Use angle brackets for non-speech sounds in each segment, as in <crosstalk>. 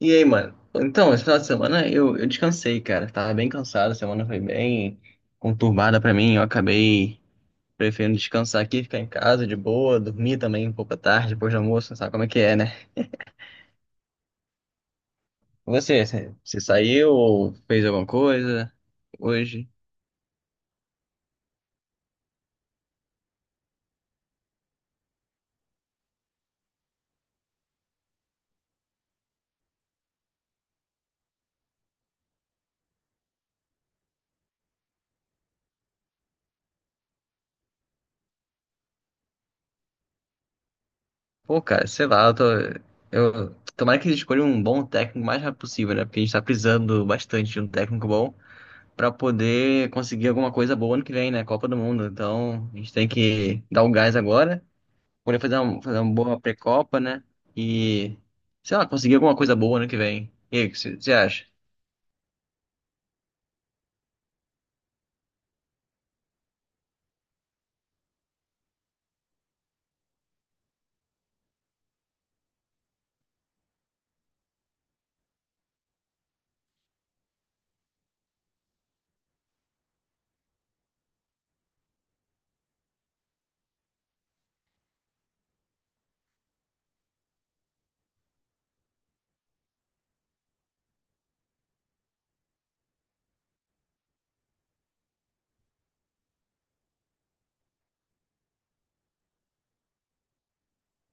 E aí, mano? Então, esse final de semana eu descansei, cara. Tava bem cansado, a semana foi bem conturbada pra mim. Eu acabei preferindo descansar aqui, ficar em casa de boa, dormir também um pouco à tarde, depois do almoço, sabe como é que é, né? Você saiu ou fez alguma coisa hoje? Pô, cara, sei lá, eu tô. Eu, tomara que eles escolham um bom técnico o mais rápido possível, né? Porque a gente tá precisando bastante de um técnico bom pra poder conseguir alguma coisa boa ano que vem, né? Copa do Mundo. Então, a gente tem que dar o gás agora. Poder fazer uma boa pré-copa, né? E, sei lá, conseguir alguma coisa boa ano que vem. E aí, o que você acha?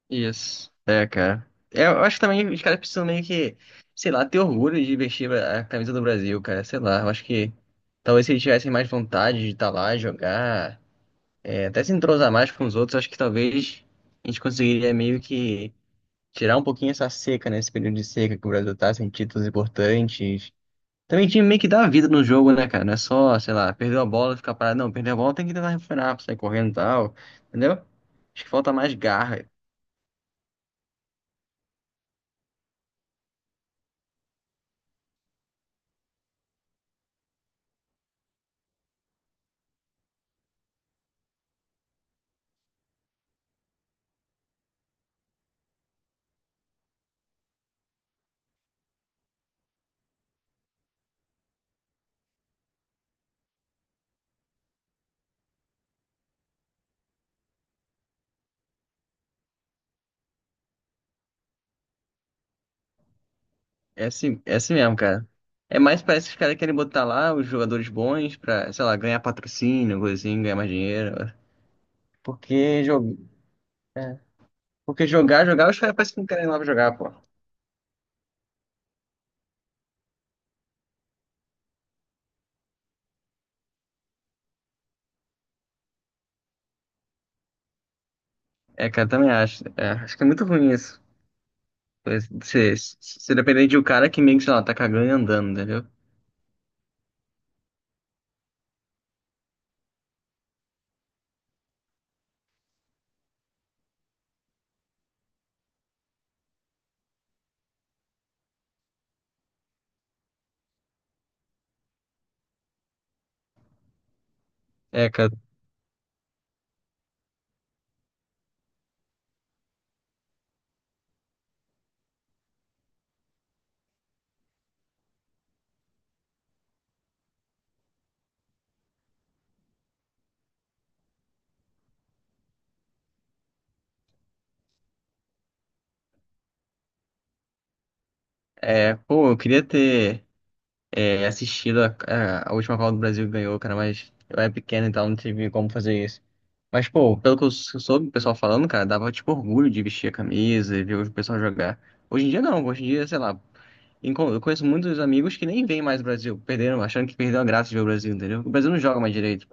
Isso. É, cara. É, eu acho que também os caras precisam meio que, sei lá, ter orgulho de vestir a camisa do Brasil, cara. Sei lá, eu acho que talvez se eles tivessem mais vontade de estar lá, jogar, é, até se entrosar mais com os outros, acho que talvez a gente conseguiria meio que tirar um pouquinho essa seca, né? Esse período de seca que o Brasil tá sem títulos importantes. Também tinha meio que dar vida no jogo, né, cara? Não é só, sei lá, perdeu a bola, ficar parado. Não, perdeu a bola, tem que tentar recuperar, sair correndo e tal. Entendeu? Acho que falta mais garra. É assim mesmo, cara. É mais parece que os caras querem botar lá os jogadores bons pra, sei lá, ganhar patrocínio, coisa assim, ganhar mais dinheiro, né? Porque, é. Porque jogar, os caras parecem que não querem lá pra jogar, pô. É, cara, também acho. É, acho que é muito ruim isso. Você depender de um cara que meio que, sei lá, tá cagando e andando, entendeu? É, cara. É, pô, eu queria ter. É, assistido a, a última Copa do Brasil que ganhou, cara, mas eu era pequeno, então não tive como fazer isso. Mas, pô, pelo que eu soube o pessoal falando, cara, dava, tipo, orgulho de vestir a camisa e ver o pessoal jogar. Hoje em dia, não. Hoje em dia, sei lá, eu conheço muitos amigos que nem veem mais o Brasil, perderam, achando que perdeu a graça de ver o Brasil, entendeu? O Brasil não joga mais direito.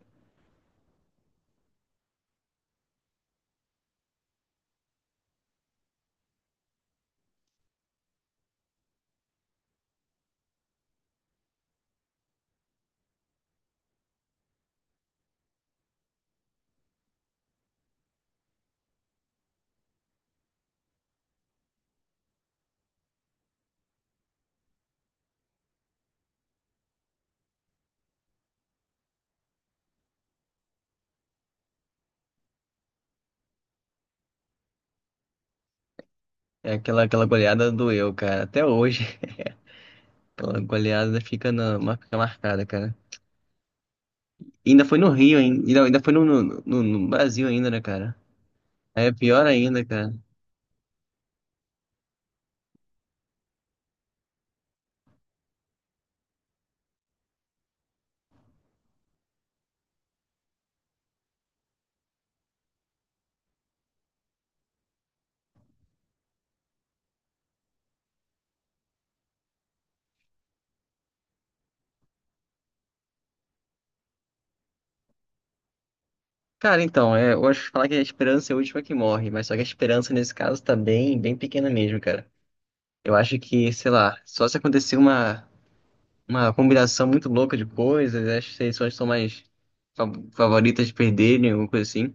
É aquela goleada doeu, cara, até hoje. <laughs> Aquela goleada fica, na, fica marcada, cara. E ainda foi no Rio, hein? Ainda foi no Brasil ainda, né, cara? Aí é pior ainda, cara. Cara, então, é, eu acho que falar que a esperança é a última que morre, mas só que a esperança nesse caso tá bem pequena mesmo, cara. Eu acho que, sei lá, só se acontecer uma combinação muito louca de coisas, acho que as seleções são mais fa- favoritas de perderem, alguma coisa assim.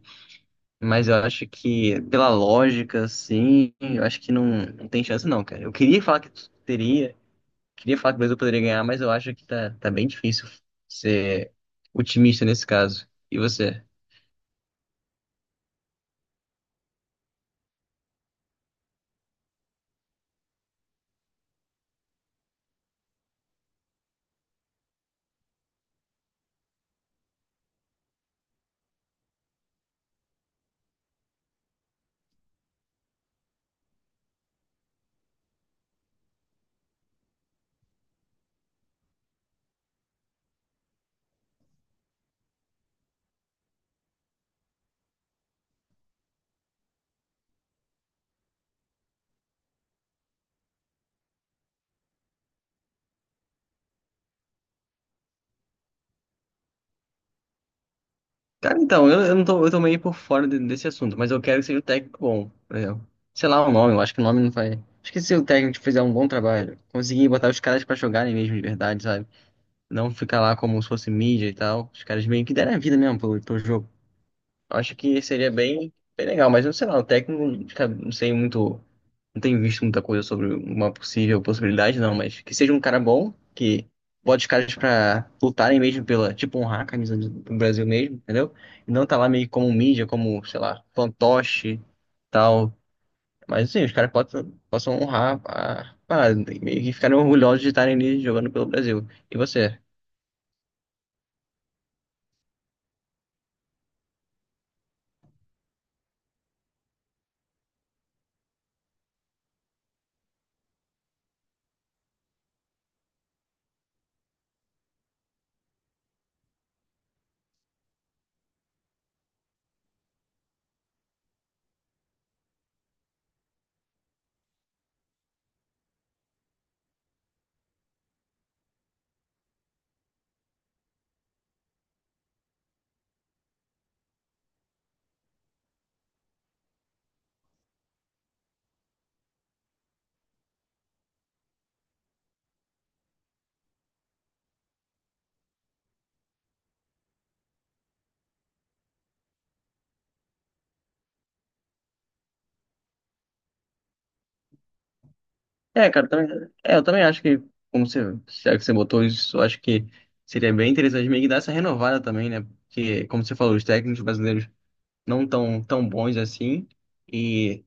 Mas eu acho que, pela lógica, assim, eu acho que não, não tem chance não, cara. Eu queria falar que teria, queria falar que o Brasil poderia ganhar, mas eu acho que tá bem difícil ser otimista nesse caso. E você? Cara, então, eu não tô, eu tô meio por fora desse assunto, mas eu quero que seja um técnico bom, por exemplo. Sei lá o nome, eu acho que o nome não vai. Acho que se o técnico fizer um bom trabalho, conseguir botar os caras pra jogarem mesmo de verdade, sabe? Não ficar lá como se fosse mídia e tal. Os caras meio que deram a vida mesmo pelo, pelo jogo. Eu acho que seria bem legal, mas eu sei lá, o técnico, cara, não sei muito, não tenho visto muita coisa sobre uma possível possibilidade, não, mas que seja um cara bom, que bote os caras pra lutarem mesmo pela, tipo, honrar a camisa do Brasil mesmo, entendeu? E não tá lá meio como mídia, como, sei lá, fantoche, tal. Mas, assim, os caras possam honrar a parada, né? E meio que ficarem orgulhosos de estarem ali jogando pelo Brasil. E você? É, cara, eu também, é, eu também acho que, como você, já que você botou isso, eu acho que seria bem interessante meio que dar essa renovada também, né? Porque, como você falou, os técnicos brasileiros não tão bons assim. E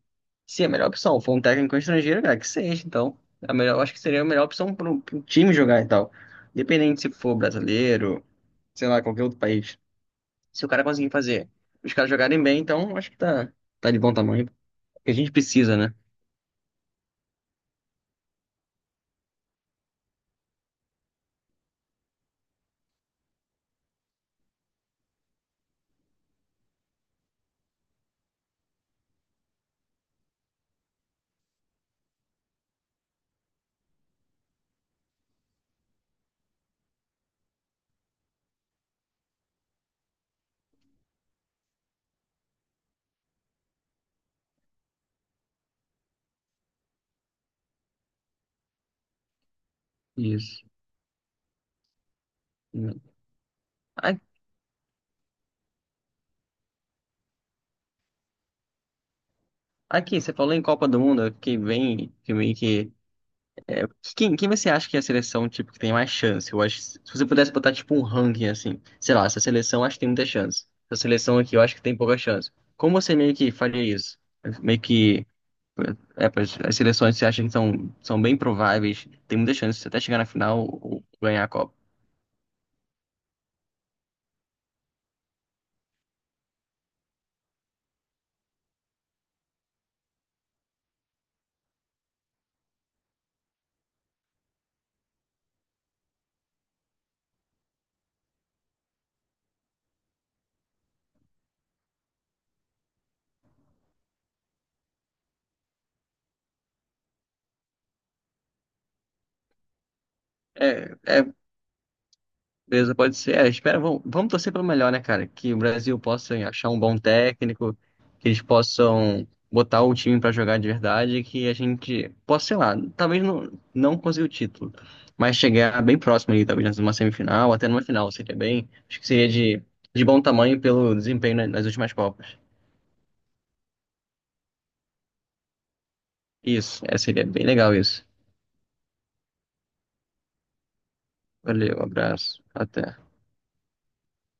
se a melhor opção for um técnico estrangeiro, cara, que seja, então. A melhor, eu acho que seria a melhor opção para um time jogar e tal. Independente se for brasileiro, sei lá, qualquer outro país. Se o cara conseguir fazer os caras jogarem bem, então acho que tá de bom tamanho. Porque a gente precisa, né? Isso. A- Aqui, você falou em Copa do Mundo, eu fiquei bem, fiquei meio que. Quem você acha que é a seleção, tipo, que tem mais chance? Eu acho, se você pudesse botar, tipo, um ranking, assim, sei lá, essa seleção eu acho que tem muita chance. Essa seleção aqui eu acho que tem pouca chance. Como você meio que faria isso? Meio que, é, pois, as seleções que você acha que são bem prováveis, tem muita chance de você até chegar na final ou ganhar a Copa. É, é, beleza, pode ser. É, espera, vamos torcer para o melhor, né, cara? Que o Brasil possa achar um bom técnico, que eles possam botar o time para jogar de verdade, que a gente possa, sei lá, talvez não, não conseguir o título, mas chegar bem próximo ali, talvez numa semifinal, até numa final, seria bem. Acho que seria de bom tamanho pelo desempenho nas últimas Copas. Isso, é, seria bem legal isso. Valeu, abraço, até.